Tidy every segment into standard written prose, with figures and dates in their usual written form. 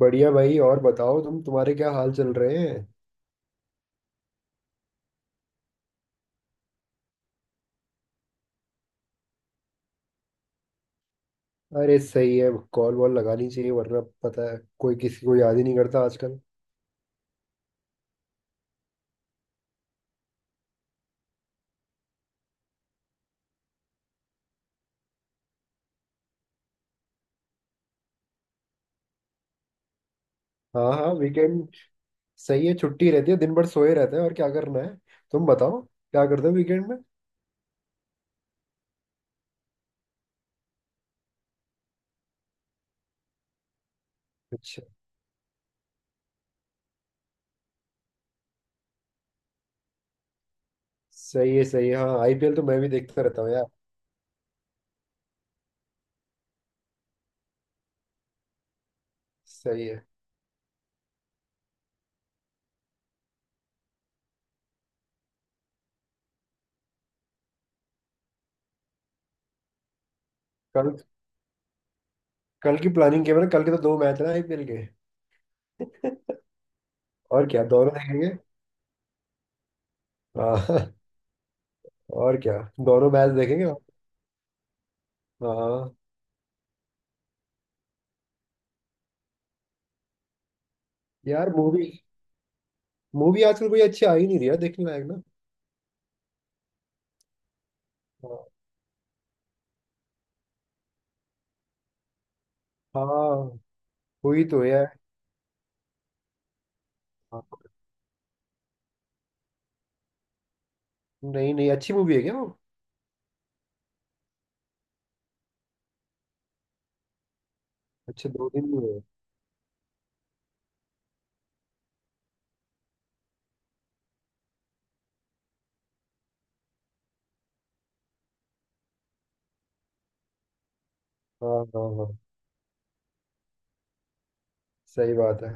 बढ़िया भाई। और बताओ, तुम तुम्हारे क्या हाल चल रहे हैं? अरे सही है, कॉल वॉल लगानी चाहिए, वरना पता है कोई किसी को याद ही नहीं करता आजकल। हाँ हाँ, वीकेंड। सही है, छुट्टी रहती है, दिन भर सोए रहते हैं और क्या करना है। तुम बताओ, क्या करते हो वीकेंड में? अच्छा। सही है, सही है। हाँ, आईपीएल तो मैं भी देखता रहता हूँ यार। सही है। कल कल की प्लानिंग किया मैंने, कल के तो दो मैच है ना आईपीएल के। और क्या, दोनों देखेंगे? हाँ। और क्या, दोनों मैच देखेंगे। हाँ। यार मूवी मूवी आजकल कोई अच्छी आ ही नहीं रही है देखने लायक। हाँ। हाँ, हुई तो है। हाँ। नहीं नहीं, अच्छी मूवी है क्या वो? अच्छा, दो दिन में हुए। हाँ हाँ हाँ, सही बात है।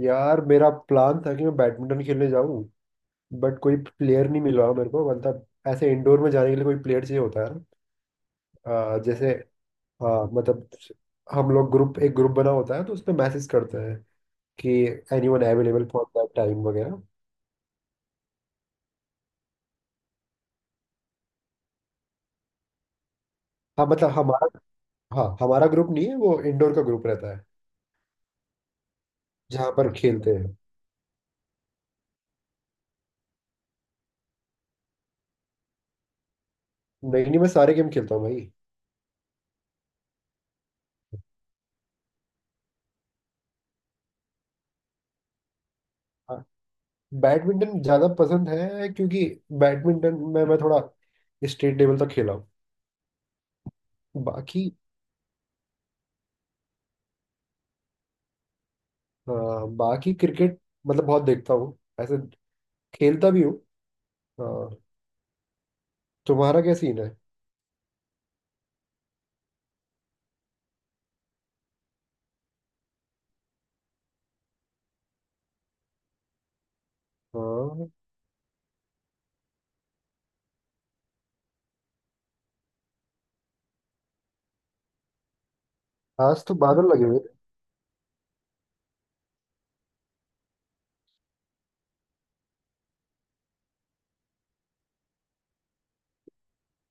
यार मेरा प्लान था कि मैं बैडमिंटन खेलने जाऊं, बट कोई प्लेयर नहीं मिला मेरे को। मतलब ऐसे इंडोर में जाने के लिए कोई प्लेयर चाहिए होता है ना। जैसे। हाँ मतलब, हम लोग ग्रुप एक ग्रुप बना होता है तो उसमें मैसेज करते हैं कि anyone available for that time वगैरह। हाँ मतलब हमारा। हाँ, हमारा ग्रुप नहीं है, वो इंडोर का ग्रुप रहता है जहाँ पर खेलते हैं। नहीं नहीं, मैं सारे गेम खेलता हूँ भाई। हाँ, बैडमिंटन ज्यादा पसंद है, क्योंकि बैडमिंटन में मैं थोड़ा स्टेट लेवल तक खेला हूँ। बाकी अ, बाकी क्रिकेट, मतलब बहुत देखता हूँ ऐसे, खेलता भी हूँ। अ, तुम्हारा क्या सीन है? हाँ। आज तो बादल लगे हुए थे।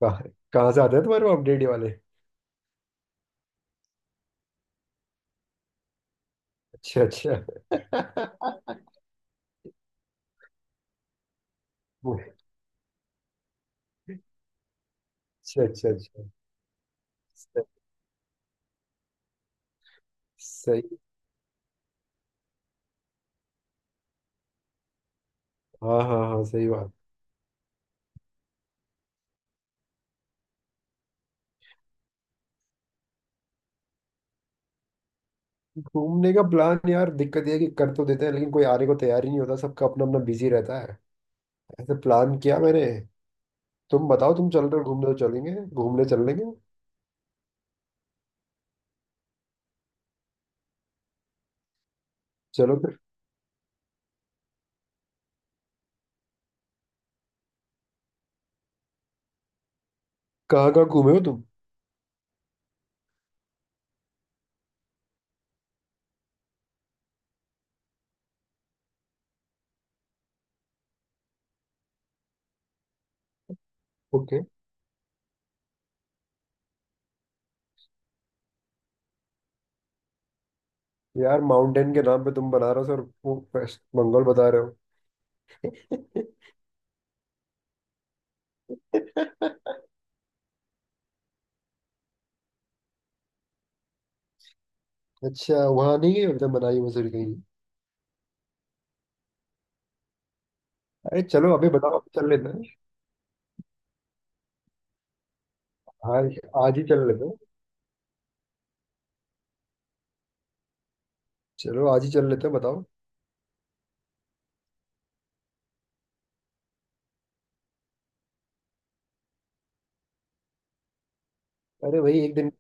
कहाँ? कहाँ से आते हैं तुम्हारे अपडेट वाले? अच्छा अच्छा। अच्छा अच्छा अच्छा। सही। सही। हाँ हाँ हाँ, सही बात। घूमने का प्लान यार, दिक्कत ये है कि कर तो देते हैं, लेकिन कोई आने को तैयार ही नहीं होता, सबका अपना अपना बिजी रहता है। ऐसे प्लान किया मैंने। तुम बताओ, तुम चल रहे हो घूमने? तो चलेंगे, घूमने चल लेंगे। चलो फिर, कहाँ कहाँ घूमे हो तुम? ओके। यार माउंटेन के नाम पे तुम बनारस और वो वेस्ट बंगाल बता रहे हो? अच्छा, वहां नहीं गए अभी तक मनाली मसूरी कहीं? अरे चलो, अभी बताओ, अभी चल लेते हैं। हाँ, आज ही चल लेते हैं। चलो आज ही चल लेते हैं, बताओ। अरे भाई, एक दिन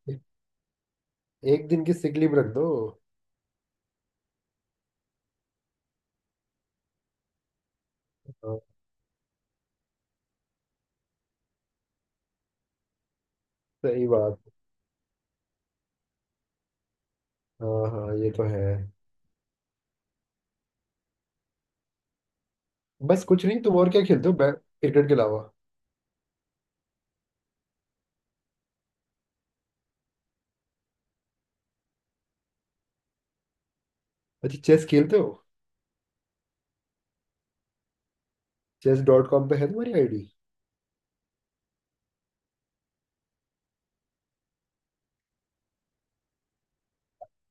एक दिन की सिक लीव रख दो। हाँ, सही बात। हाँ हाँ, ये तो है। बस कुछ नहीं। तुम और क्या खेलते हो, क्रिकेट के अलावा? अच्छा, चेस खेलते हो? Chess.com पे है तुम्हारी आईडी?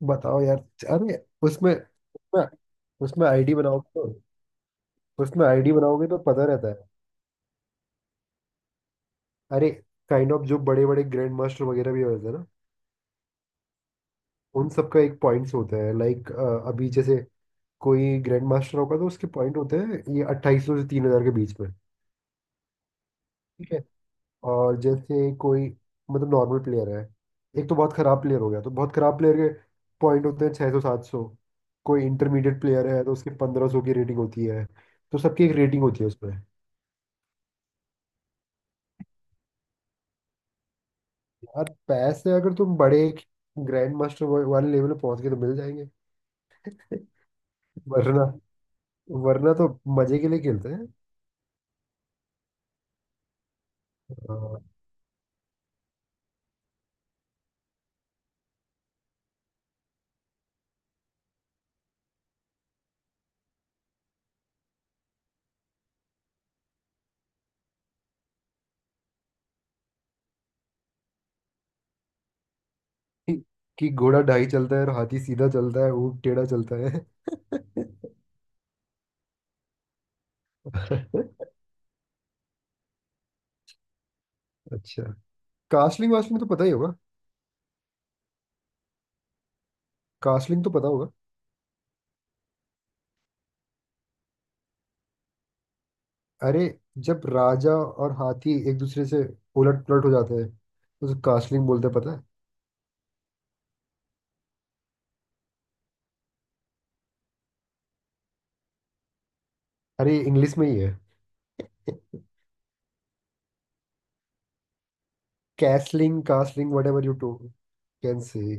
बताओ यार। अरे, उसमें उसमें उसमें आईडी बनाओगे तो, उसमें आईडी बनाओगे तो पता रहता है। अरे, काइंड ऑफ जो बड़े बड़े ग्रैंड मास्टर वगैरह भी होते हैं ना, उन सबका एक पॉइंट्स होता है लाइक। अभी जैसे कोई ग्रैंड मास्टर होगा तो उसके पॉइंट होते हैं ये 2800 से 3000 के बीच में। ठीक है। और जैसे कोई, मतलब नॉर्मल प्लेयर है, एक तो बहुत खराब प्लेयर हो गया तो बहुत खराब प्लेयर के पॉइंट होते हैं 600 700। कोई इंटरमीडिएट प्लेयर है तो उसके 1500 की रेटिंग होती है। तो सबकी एक रेटिंग होती है उसमें। यार पैसे अगर तुम बड़े ग्रैंड मास्टर वाले लेवल पे पहुंच गए तो मिल जाएंगे। वरना वरना तो मजे के लिए खेलते हैं। हाँ, कि कि घोड़ा ढाई चलता है और हाथी सीधा चलता है, ऊँट टेढ़ा चलता है। अच्छा, कास्टलिंग वास्टलिंग तो पता ही होगा, कास्टलिंग तो पता होगा? अरे जब राजा और हाथी एक दूसरे से उलट पुलट हो जाते हैं तो उसे कास्टलिंग बोलते हैं, पता है? अरे इंग्लिश में ही है। Castling castling, whatever you too can say.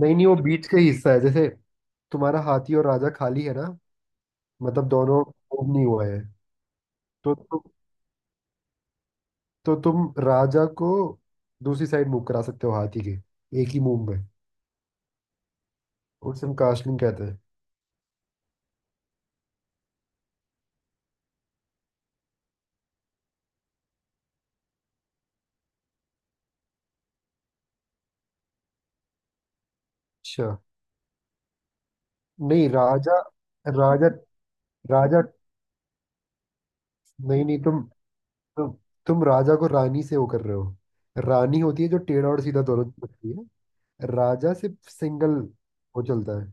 नहीं नहीं, वो बीच का ही हिस्सा है। जैसे तुम्हारा हाथी और राजा खाली है ना, मतलब दोनों move नहीं हुआ है। तो तो, तो तुम राजा को दूसरी साइड मूव करा सकते हो हाथी के, एक ही मूव में। उसे हम कास्टलिंग कहते हैं। अच्छा। नहीं राजा, राजा, राजा। नहीं नहीं, तुम तुम राजा को रानी से वो कर रहे हो। रानी होती है जो टेढ़ा और सीधा दोनों होती है। राजा सिर्फ सिंगल वो चलता है,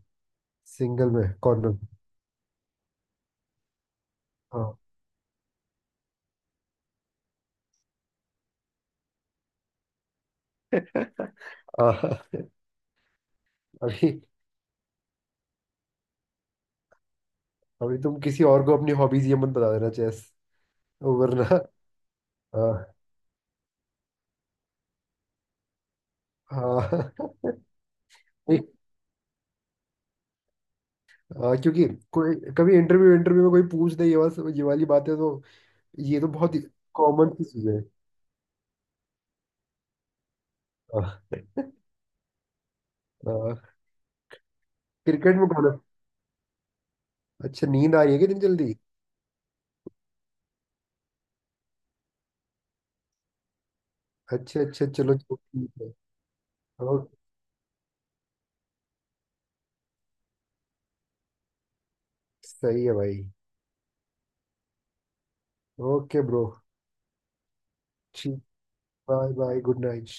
सिंगल में कॉर्नर। हाँ। आह। अभी अभी तुम किसी और को अपनी हॉबीज ये मत बता देना, चेस। वरना हाँ हाँ। नहीं, हाँ, क्योंकि कोई कभी इंटरव्यू इंटरव्यू में कोई पूछ दे, ये वाला ये वाली बात है तो। ये तो बहुत ही कॉमन सी चीज है। हाँ, हाँ, क्रिकेट में कौन है? अच्छा, नींद आ रही है कि दिन जल्दी। अच्छा अच्छा, चलो चलो, ठीक है। ओके। सही है भाई। Okay bro. ठीक। Bye bye, good night.